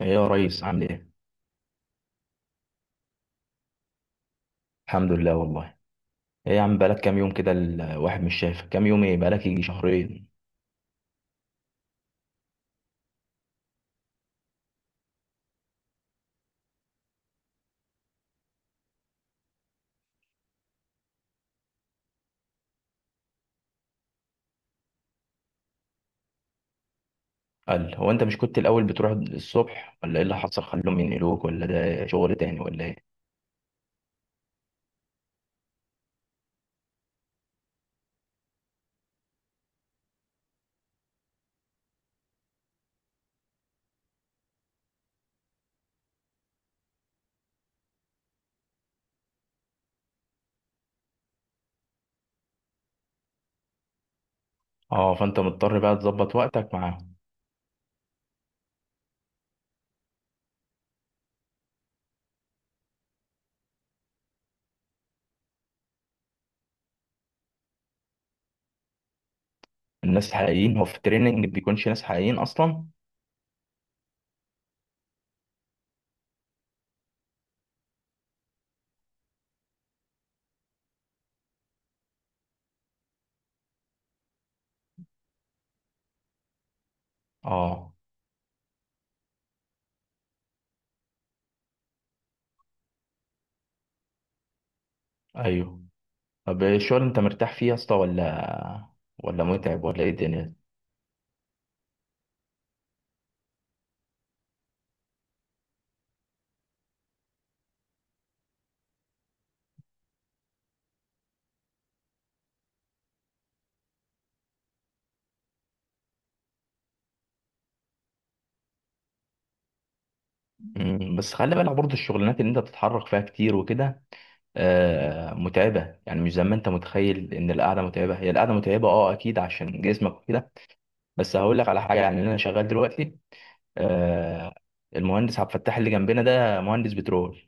ايه يا ريس، عامل ايه؟ الحمد لله والله. ايه يا عم، بقالك كام يوم كده الواحد مش شايفك، كام يوم؟ ايه بقالك؟ يجي شهرين. قال، هو انت مش كنت الاول بتروح الصبح ولا ايه اللي حصل؟ خلوهم ينقلوك، ولا ده شغل تاني ولا ايه؟ اه، فانت مضطر بقى تظبط وقتك مع. الناس الحقيقيين، هو في التريننج بيكونش ناس حقيقيين اصلا؟ اه. ايوه. طب إيه الشغل؟ انت مرتاح فيه يا اسطى ولا متعب، ولا ايه الدنيا؟ بس خلي بالك برضه، الشغلانات اللي انت بتتحرك فيها كتير وكده، متعبة. يعني مش زي ما انت متخيل ان القعدة متعبة. هي القعدة متعبة، اه اكيد، عشان جسمك وكده. بس هقول لك على حاجة. يعني انا شغال دلوقتي آه، المهندس عبد الفتاح اللي جنبنا ده مهندس بترول،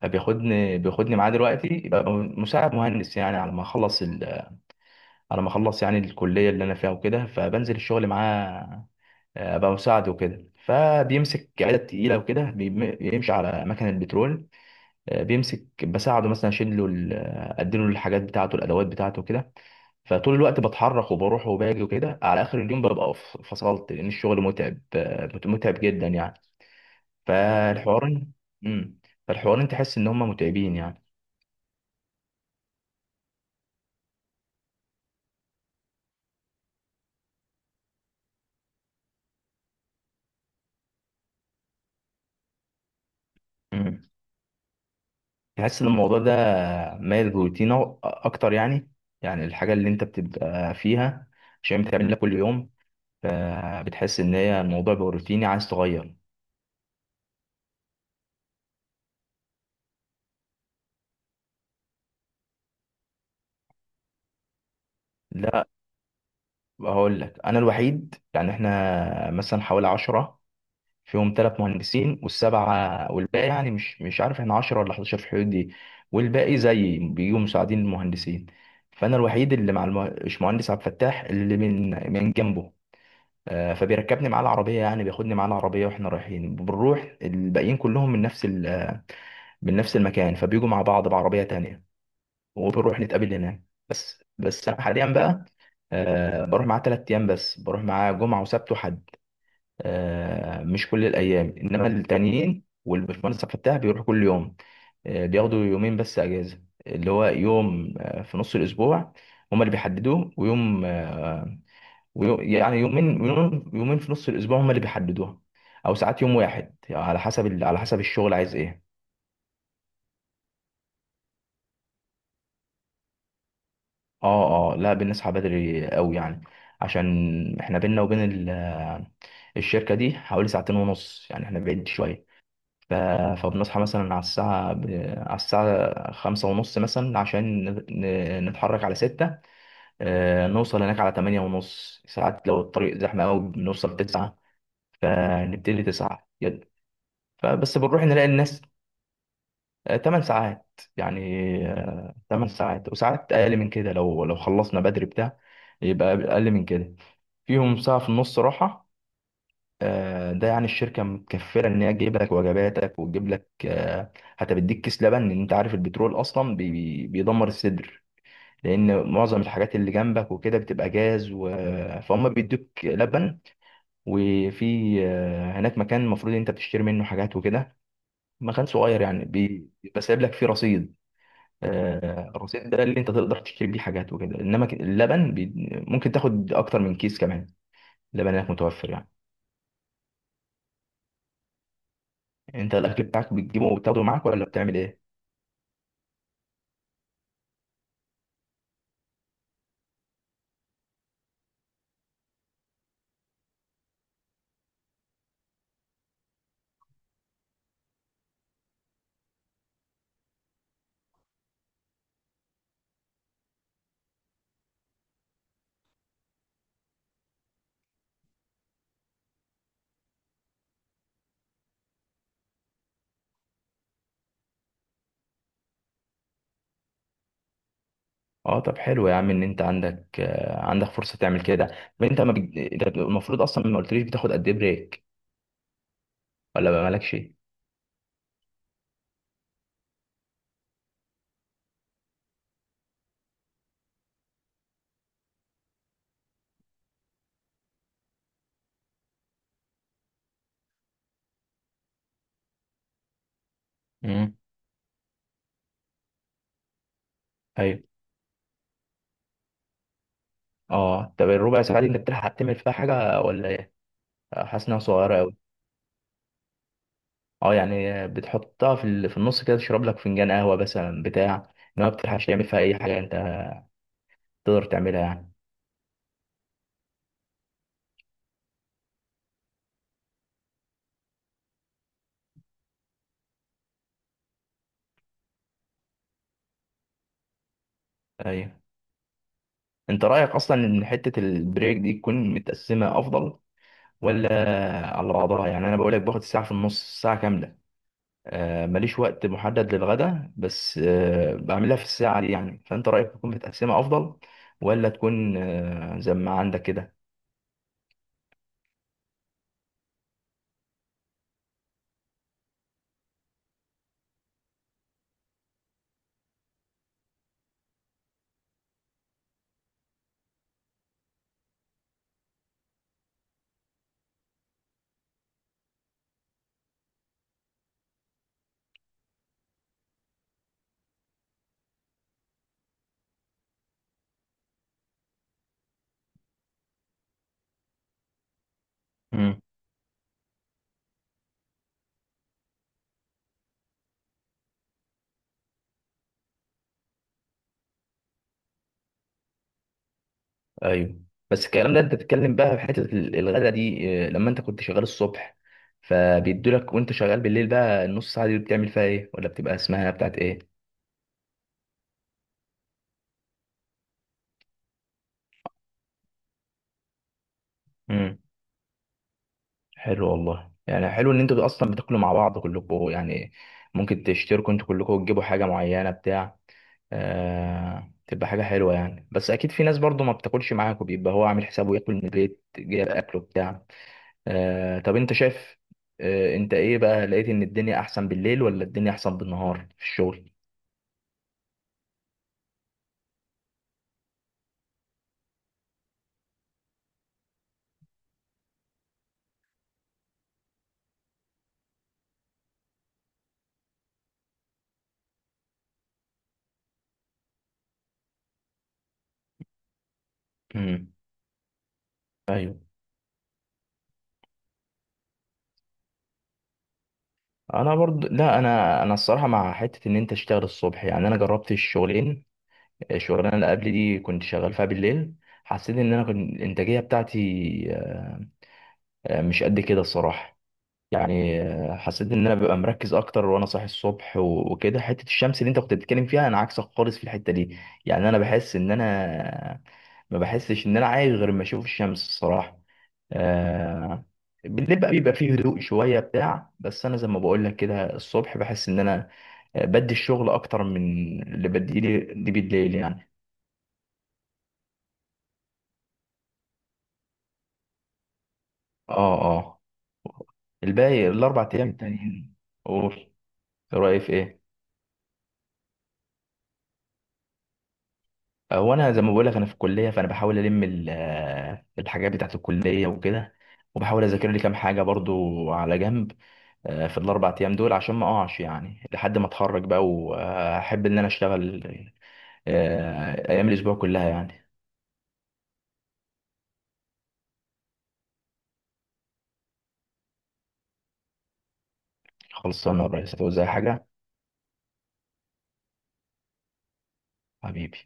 فبياخدني معاه دلوقتي يبقى مساعد مهندس يعني، على ما اخلص على ما اخلص يعني الكلية اللي انا فيها وكده، فبنزل الشغل معاه. ابقى مساعد وكده، فبيمسك عدد تقيلة وكده، بيمشي على مكن البترول. بيمسك بساعده، مثلا اشيل له اديله الحاجات بتاعته، الادوات بتاعته كده. فطول الوقت بتحرك وبروح وباجي وكده، على اخر اليوم ببقى فصلت، لان الشغل متعب، متعب جدا يعني. فالحوار. امم. فالحوارين تحس ان هم متعبين يعني. امم. تحس ان الموضوع ده مايل روتين اكتر يعني. يعني الحاجه اللي انت بتبقى فيها، عشان بتعملها كل يوم، فبتحس ان هي الموضوع بقى روتيني، عايز تغير. لا، هقول لك، انا الوحيد. يعني احنا مثلا حوالي 10، فيهم ثلاث مهندسين والسبعه، والباقي يعني مش عارف، احنا 10 ولا 11 في الحدود دي. والباقي زي بيجوا مساعدين المهندسين. فانا الوحيد اللي مع الباشمهندس عبد الفتاح، اللي من جنبه. فبيركبني معاه العربيه، يعني بياخدني معاه العربيه، واحنا رايحين بنروح. الباقيين كلهم من نفس من نفس المكان، فبيجوا مع بعض بعربيه تانية، وبنروح نتقابل هناك. بس انا حاليا بقى، بروح معاه 3 ايام بس، بروح معاه جمعه وسبت وحد. مش كل الايام، انما التانيين، والبشمهندس فتاح بيروح كل يوم. بياخدوا يومين بس اجازه، اللي هو يوم في نص الاسبوع هما اللي بيحددوه، ويوم، ويوم، يعني يومين، يوم يومين في نص الاسبوع هما اللي بيحددوها. او ساعات يوم واحد، يعني على حسب على حسب الشغل عايز ايه. اه اه، لا، بنصحى بدري قوي يعني. عشان احنا بينا وبين ال- الشركة دي حوالي ساعتين ونص، يعني احنا بعيد شوية. ف... فبنصحى مثلا على الساعة على الساعة 5:30 مثلا، عشان نتحرك على 6. نوصل هناك على 8:30 ساعات، لو الطريق زحمة أوي بنوصل 9، فنبتدي 9 فبس بنروح نلاقي الناس. 8 ساعات يعني. تمن ساعات، وساعات أقل من كده لو خلصنا بدري بتاع يبقى أقل من كده. فيهم ساعة في النص راحة. ده يعني الشركة متكفلة إن هي تجيب لك وجباتك، وتجيب لك، حتى بتديك كيس لبن، لأن أنت عارف البترول أصلا بيدمر الصدر، لأن معظم الحاجات اللي جنبك وكده بتبقى جاز فهم بيدوك لبن. وفي، هناك مكان المفروض أنت بتشتري منه حاجات وكده، مكان صغير يعني، بيبقى سايب لك فيه رصيد. الرصيد ده اللي أنت تقدر تشتري بيه حاجات وكده، إنما اللبن ممكن تاخد أكتر من كيس كمان، اللبن هناك متوفر يعني. يعني انت الاكل بتاعك بتجيبه وبتاخده معاك، ولا بتعمل ايه؟ اه طب حلو يا عم، ان انت عندك فرصه تعمل كده. طب انت ما بج... انت المفروض اصلا ما قلتليش بتاخد قد ايه بريك، ولا ما مالكش. امم. ايوه. اه، طب الربع ساعه دي انت بتلحق تعمل فيها حاجه، ولا ايه؟ حاسس انها صغيره قوي. اه يعني بتحطها في النص كده، تشرب لك فنجان قهوه مثلا بتاع، ما بتلحقش تعمل فيها اي حاجه انت تقدر تعملها يعني. ايوه. انت رايك اصلا ان حته البريك دي تكون متقسمه افضل، ولا على بعضها؟ يعني انا بقول لك باخد الساعه في النص ساعه كامله. ماليش وقت محدد للغدا، بس بعملها في الساعه دي يعني. فانت رايك تكون متقسمه افضل، ولا تكون زي ما عندك كده؟ امم. ايوه. بس الكلام ده انت بتتكلم بقى في حته الغدا دي، لما انت كنت شغال الصبح فبيدولك، وانت شغال بالليل بقى النص ساعه دي بتعمل فيها ايه، ولا بتبقى اسمها بتاعت ايه؟ امم. حلو والله، يعني حلو ان انتوا اصلا بتاكلوا مع بعض كلكم يعني، ممكن تشتركوا انتوا كلكم وتجيبوا حاجه معينه بتاع. تبقى حاجه حلوه يعني. بس اكيد في ناس برضو ما بتاكلش معاكوا، بيبقى هو عامل حسابه ياكل من البيت، جايب اكله بتاع. طب انت شايف، انت ايه بقى؟ لقيت ان الدنيا احسن بالليل، ولا الدنيا احسن بالنهار في الشغل؟ امم. ايوه. انا برضو لا، انا الصراحه مع حته ان انت تشتغل الصبح يعني. انا جربت الشغلين، الشغلانه اللي قبل دي كنت شغال فيها بالليل، حسيت ان انا كنت الانتاجيه بتاعتي، مش قد كده الصراحه يعني. حسيت ان انا ببقى مركز اكتر وانا صاحي الصبح وكده. حته الشمس اللي انت كنت بتتكلم فيها، انا عكسك خالص في الحته دي. يعني انا بحس ان انا، ما بحسش ان انا عايش غير ما اشوف الشمس الصراحه آه، بالليل بقى بيبقى فيه هدوء شويه بتاع، بس انا زي ما بقول لك كده، الصبح بحس ان انا، بدي الشغل اكتر من اللي بديه لي بالليل يعني. اه اه. الباقي ال4 ايام التانيين. قول. رايي في ايه؟ هو انا زي ما بقول لك، انا في الكليه، فانا بحاول الم الحاجات بتاعت الكليه وكده، وبحاول اذاكر لي كام حاجه برضو على جنب. في ال4 ايام دول، عشان ما اقعش يعني لحد ما اتخرج بقى، واحب ان انا اشتغل ايام الاسبوع كلها يعني. خلصانه يا ريس، هتعوز اي حاجه؟ حبيبي.